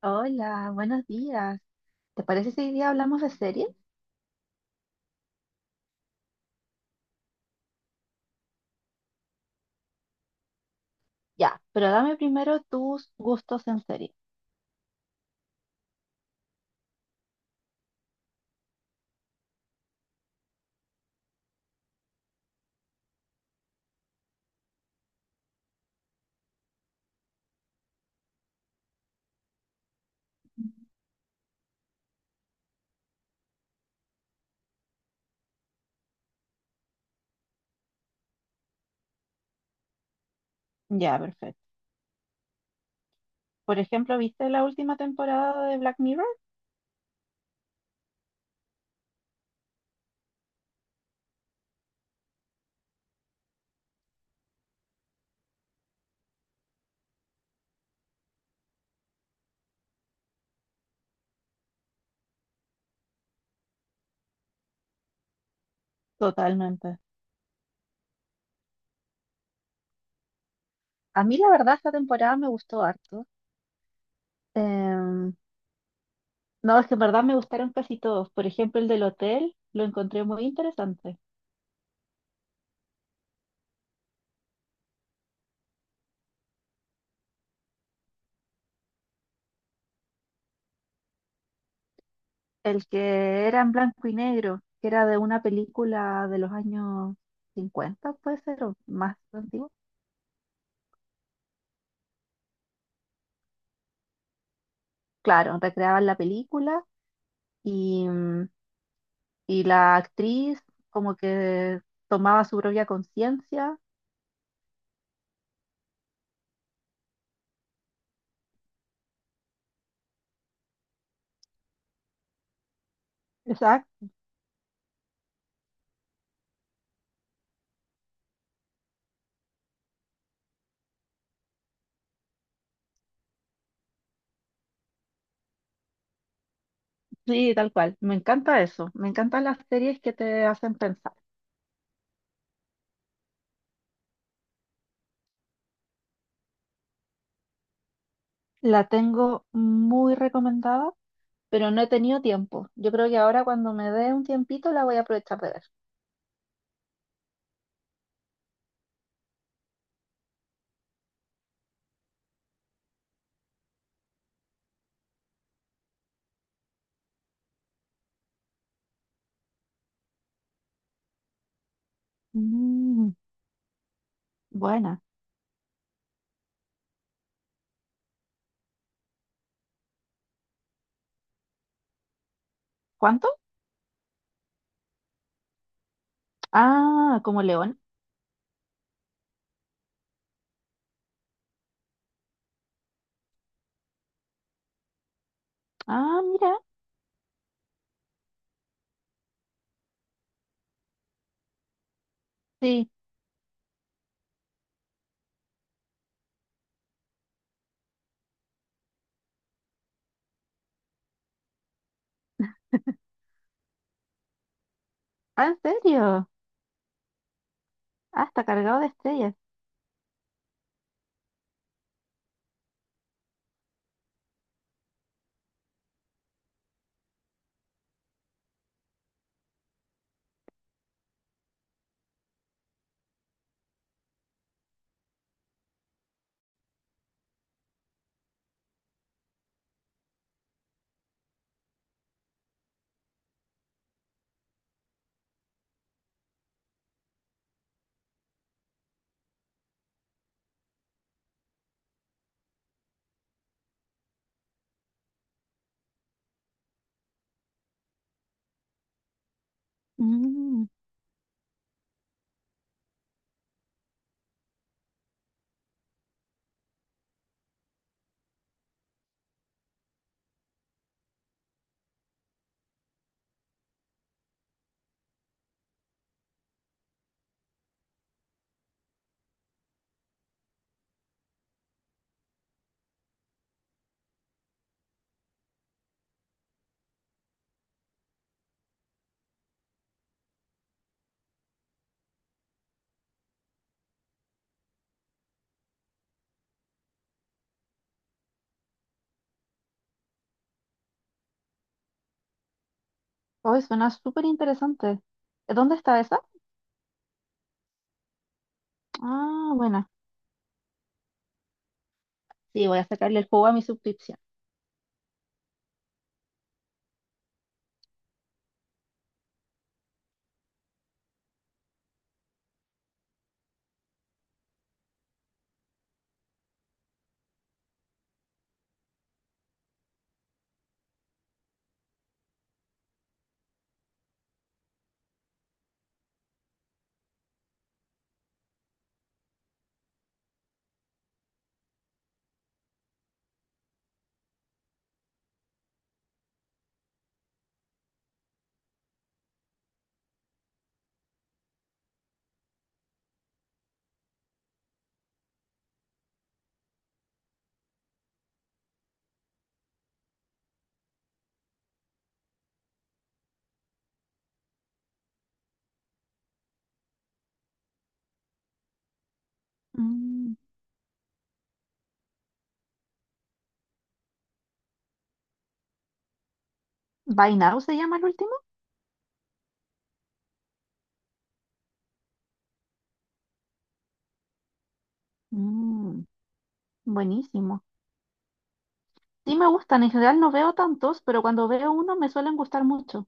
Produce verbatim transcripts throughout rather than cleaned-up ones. Hola, buenos días. ¿Te parece si hoy día hablamos de series? Ya, pero dame primero tus gustos en serie. Ya, perfecto. Por ejemplo, ¿viste la última temporada de Black Mirror? Totalmente. A mí la verdad esta temporada me gustó harto. Em, no, es que en verdad me gustaron casi todos. Por ejemplo, el del hotel lo encontré muy interesante. El que era en blanco y negro, que era de una película de los años cincuenta, puede ser, o más antiguo. Claro, recreaban la película. Y mm, y la actriz como que tomaba su propia conciencia. Exacto, sí, tal cual. Me encanta eso. Me encantan las series que te hacen pensar. La tengo muy recomendada, pero no he tenido tiempo. Yo creo que ahora cuando me dé un tiempito la voy a aprovechar de ver. Mm, buena. ¿Cuánto? Ah, como León. Ah, mira. Sí. Ah, ¿en serio? Ah, está cargado de estrellas. Mm. Hoy suena súper interesante. ¿Dónde está esa? Ah, buena. Sí, voy a sacarle el juego a mi suscripción. Mm, Buy Now se llama el último. Mm, buenísimo. Sí me gustan, en general no veo tantos, pero cuando veo uno me suelen gustar mucho.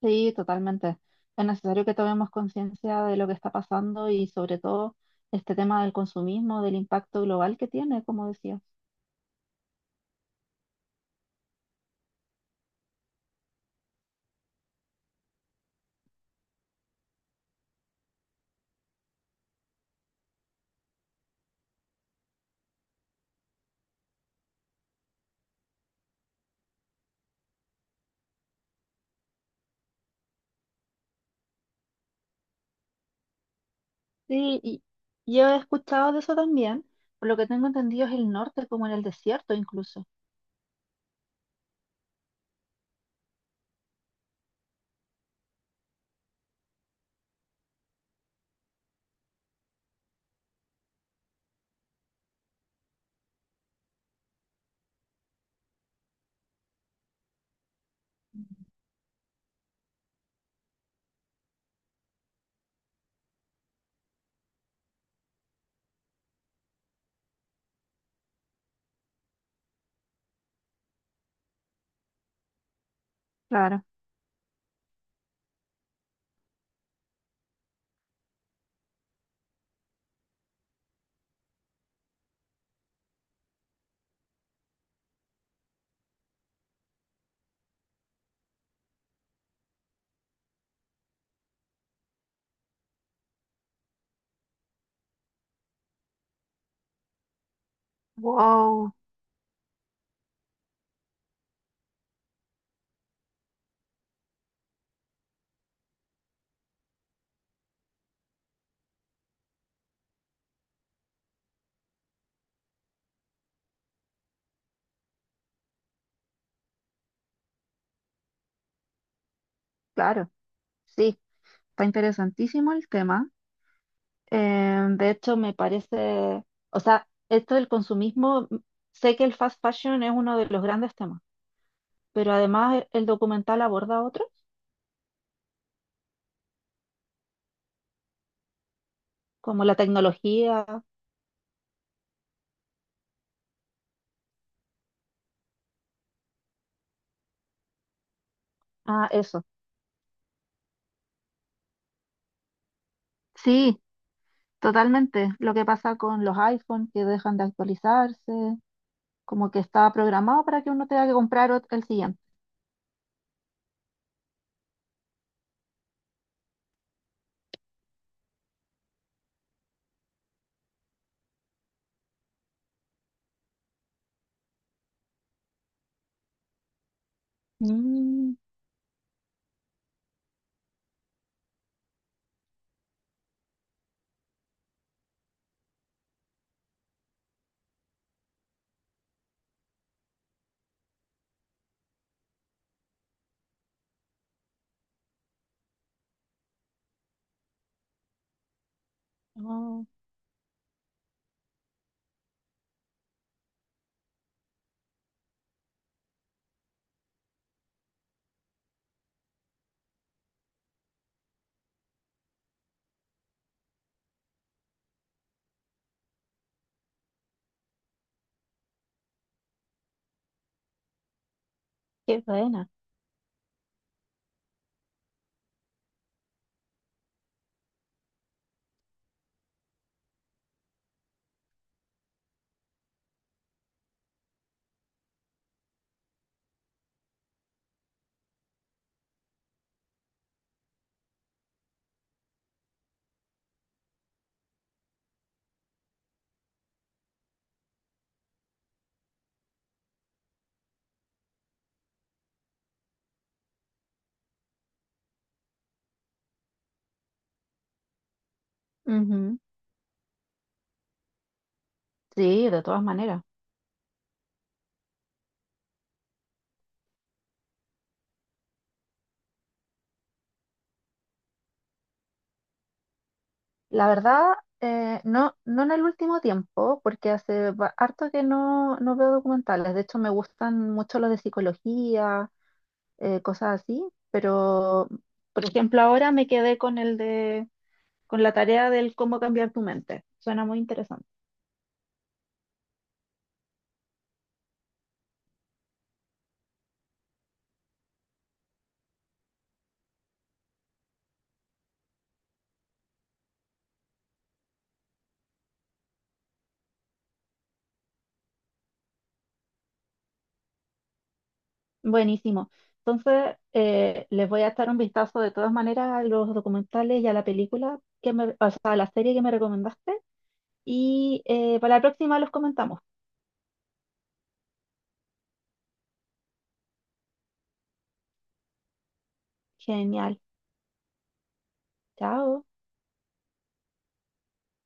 Sí, totalmente. Es necesario que tomemos conciencia de lo que está pasando y sobre todo este tema del consumismo, del impacto global que tiene, como decías. Sí, y yo he escuchado de eso también. Por lo que tengo entendido es el norte, como en el desierto incluso. Claro. Wow, claro. Sí, está interesantísimo el tema. Eh, de hecho, me parece, o sea, esto del consumismo, m- sé que el fast fashion es uno de los grandes temas, pero además el, el documental aborda otros, como la tecnología, ah, eso. Sí, totalmente. Lo que pasa con los iPhones que dejan de actualizarse, como que está programado para que uno tenga que comprar ot- el siguiente. Mm, oh, qué buena. Ujú. Sí, de todas maneras. La verdad, eh, no, no en el último tiempo, porque hace ba- harto que no, no veo documentales. De hecho, me gustan mucho los de psicología, eh, cosas así, pero, por ejemplo, ahora me quedé con el de, con la tarea del cómo cambiar tu mente. Suena muy interesante. Buenísimo. Entonces, eh, les voy a echar un vistazo de todas maneras a los documentales y a la película que me, o sea, a la serie que me recomendaste. Y eh, para la próxima los comentamos. Genial. Chao.